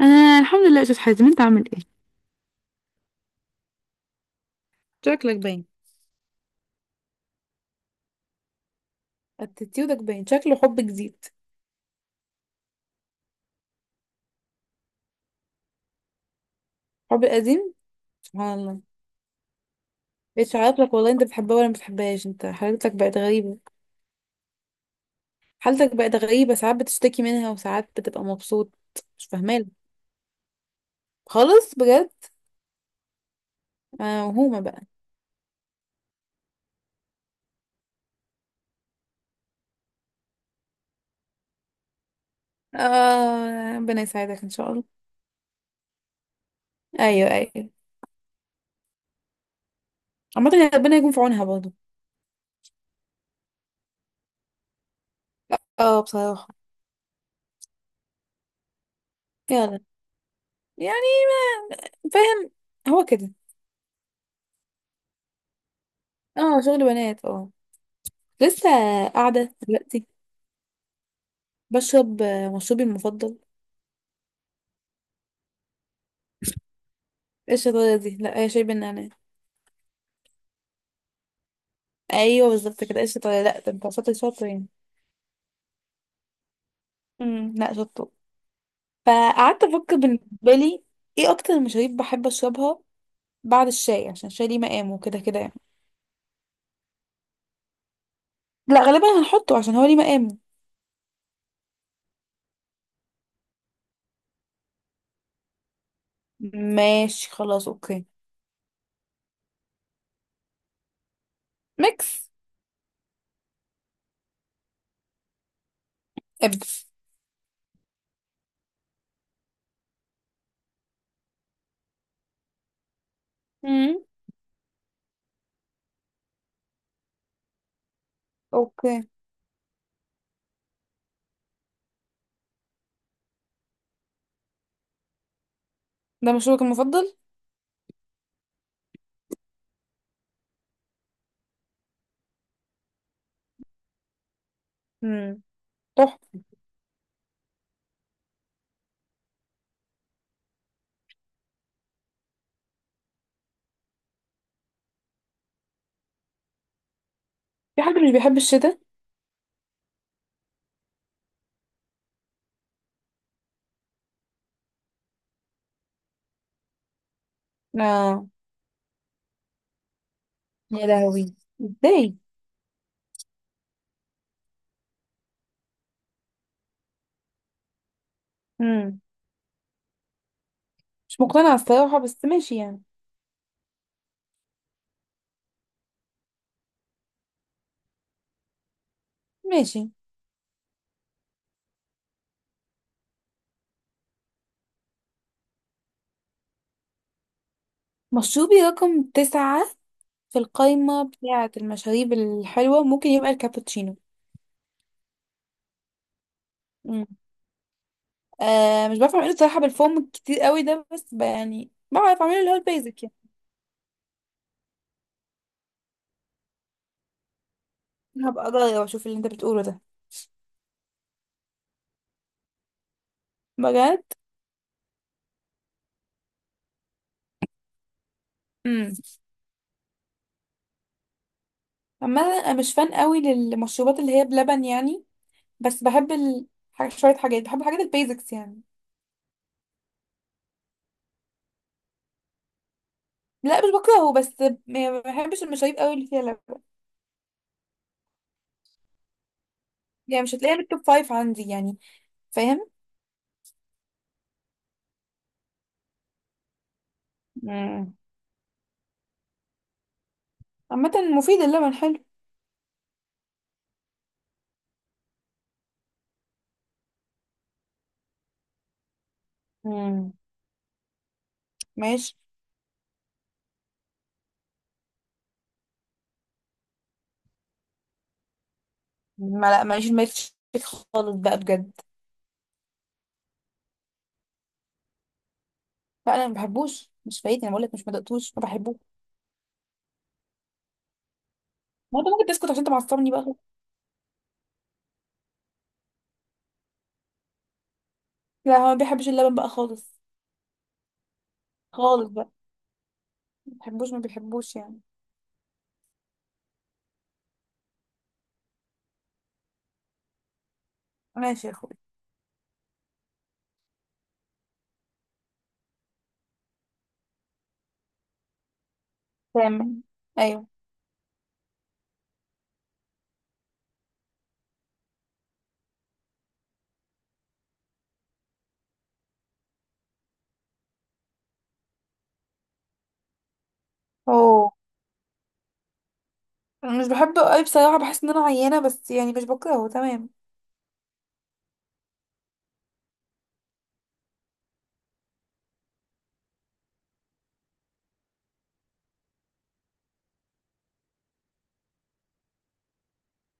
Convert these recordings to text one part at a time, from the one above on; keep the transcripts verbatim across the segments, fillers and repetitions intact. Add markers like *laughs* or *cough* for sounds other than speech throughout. انا الحمد لله يا استاذ حازم، انت عامل ايه؟ شكلك باين. اتيتيودك باين شكله حب جديد. حب قديم. سبحان الله. بقيتش عارف لك والله، انت بتحبها ولا ما بتحبهاش؟ انت حالتك بقت غريبة. حالتك بقت غريبة، ساعات بتشتكي منها وساعات بتبقى مبسوط. مش فاهمالك. خالص بجد. انا موهومة بقى. اه، ربنا يساعدك ان شاء الله. ايوه، ايوه. عامة يعني ربنا يكون في عونها برضه. اه، بصراحة. يلا. يعني. ما فاهم. هو كده. اه، شغل بنات، اه. لسه. قاعدة دلوقتي. بشرب آه، مشروبي المفضل. ايه الشطارة دي؟ لا هي شاي بالنعناع. ايوه بالظبط كده، ايه الشطارة؟ لا ده انت شاطر شاطر يعني. امم، لا شطور. فقعدت افكر بالنسبة لي، ايه اكتر المشاريب بحب اشربها؟ بعد الشاي، عشان الشاي ليه مقامه وكده كده يعني. لا غالبا هنحطه عشان هو ليه مقامه. ماشي خلاص، اوكي. ميكس. ابدا. امم. اوكي. ده مشروبك المفضل؟ امم. تحفة. في حد مش بيحب الشتاء؟ اه. يا لهوي. ازاي؟ امم. مش مقتنعة الصراحة، بس ماشي يعني. ماشي. مشروبي رقم تسعة في القايمة بتاعة المشاريب الحلوة ممكن يبقى الكابتشينو. مم. آه مش بعرف اعمله صراحة بالفوم الكتير قوي ده، بس ب- يعني بعرف اعمله اللي هو البيزك يعني. هبقى اجرب اشوف اللي انت بتقوله ده. بجد. امم. اما انا مش فان قوي للمشروبات اللي هي بلبن يعني. بس بحب ال... حاجة- شوية حاجات بحب الحاجات البيزكس يعني. لا مش بكرهه، بس ما بحبش المشاريب قوي اللي فيها لبن. يعني مش هتلاقيها بالتوب فايف عندي يعني. فاهم؟ مم. عامة مفيد، اللبن حلو. امم. ماشي. ما لا ماليش الميلك شيك خالص بقى بجد. لا انا ما بحبوش، مش فايتني، انا بقول لك، مش ما دقتوش، ما بحبوش. ما انت ممكن تسكت، عشان انت معصبني بقى. لا هو ما بيحبش اللبن بقى خالص. خالص بقى. ما بحبوش، ما بيحبوش يعني. ماشي يا اخوي. تمام. ايوه. اوه. أنا مش بحبه قوي بصراحه، بحس ان انا عيانه، بس يعني مش بكرهه تمام.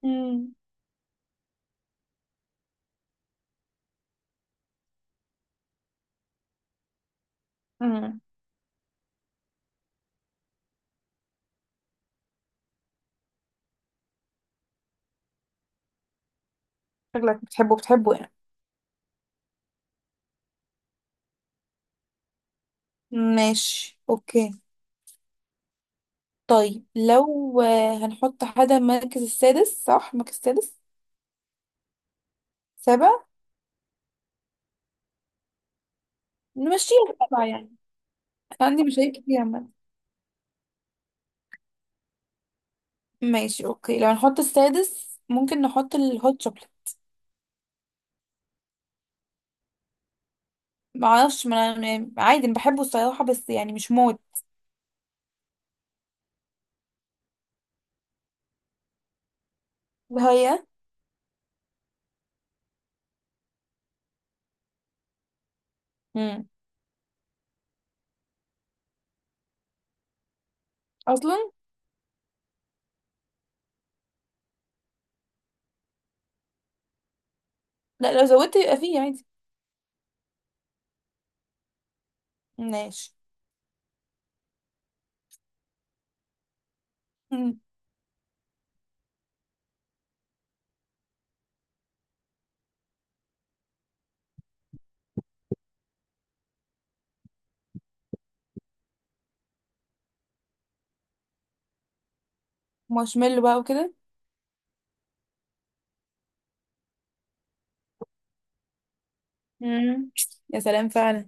امم. امم. شكلك بتحبه بتحبه يعني. ماشي اوكي. طيب، لو آه، هنحط حاجه المركز السادس، صح؟ المركز السادس. سابع. نمشيها بقى يعني. عندي مشاكل كتير عامة. ماشي اوكي، لو هنحط السادس ممكن نحط الهوت شوكليت. معرفش ما أنا- يعني عادي انا بحبه الصراحة، بس يعني مش موت. هي. مم. اصلا. لا لو زودت يبقى فيه عادي. ماشي. مم. مارشميلو بقى وكده. مم. يا سلام فعلا.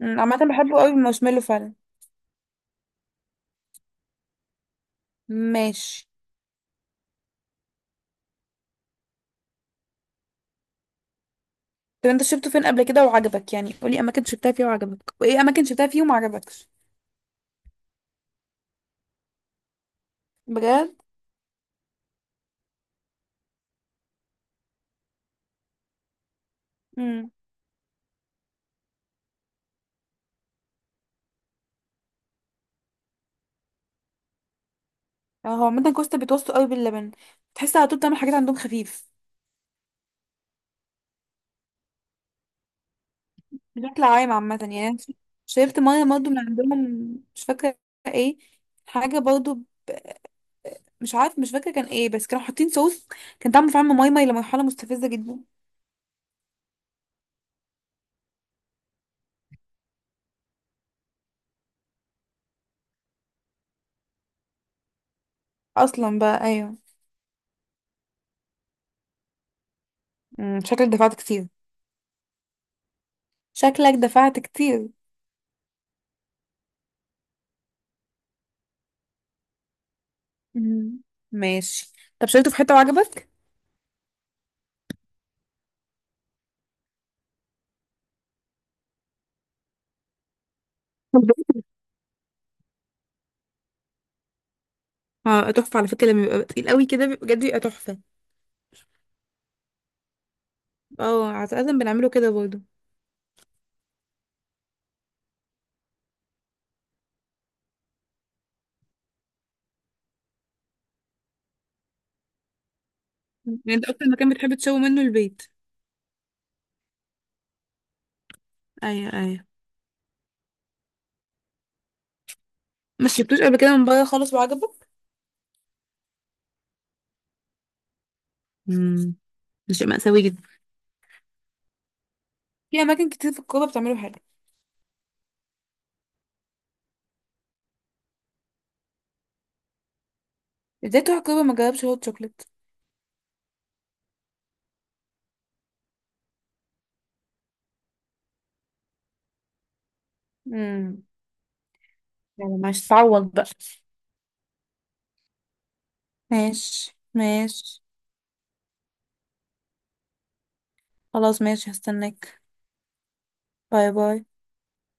مم. عامة بحبه قوي المارشميلو فعلا. ماشي. طب انت شفته فين قبل كده وعجبك؟ يعني قولي اماكن شفتها فيه وعجبك، وايه اماكن شفتها فيه وما عجبكش. بجد؟ اه هو عامة كوستا بيتوسطوا قوي باللبن. تحس على طول، بتعمل حاجات عندهم خفيف. بشكل عام عامة يعني أنا شربت مية برضه من عندهم، مش فاكرة. ايه. حاجة برضه. مش عارف، مش فاكرة كان ايه، بس كانوا حاطين صوص. كان طعمه فعلا ماي ماي لمرحلة مستفزة جدا. اصلا بقى، ايوه. مم، شكلك دفعت كتير. شكلك دفعت كتير؟ مم. ماشي. طب شربته في حتة وعجبك؟ *laughs* طب. اه تحفة على فكرة، لما بيبقى تقيل قوي كده بيبقى- بجد بيبقى تحفة. اه عادة بنعمله كده برضه. يعني انت اكتر مكان بتحب تشوي منه البيت؟ ايوه، ايوه. مش جبتوش قبل كده من بره خالص وعجبك؟ امم. ده شيء مأساوي جدا. في اماكن كتير في الكوبا بتعمله حلو. ازاي تروح الكوبا ما جربش هوت شوكليت؟ امم. يعني ماشي، تعوض بقى. ماشي ماشي. خلاص ماشي، هستناك. باي باي.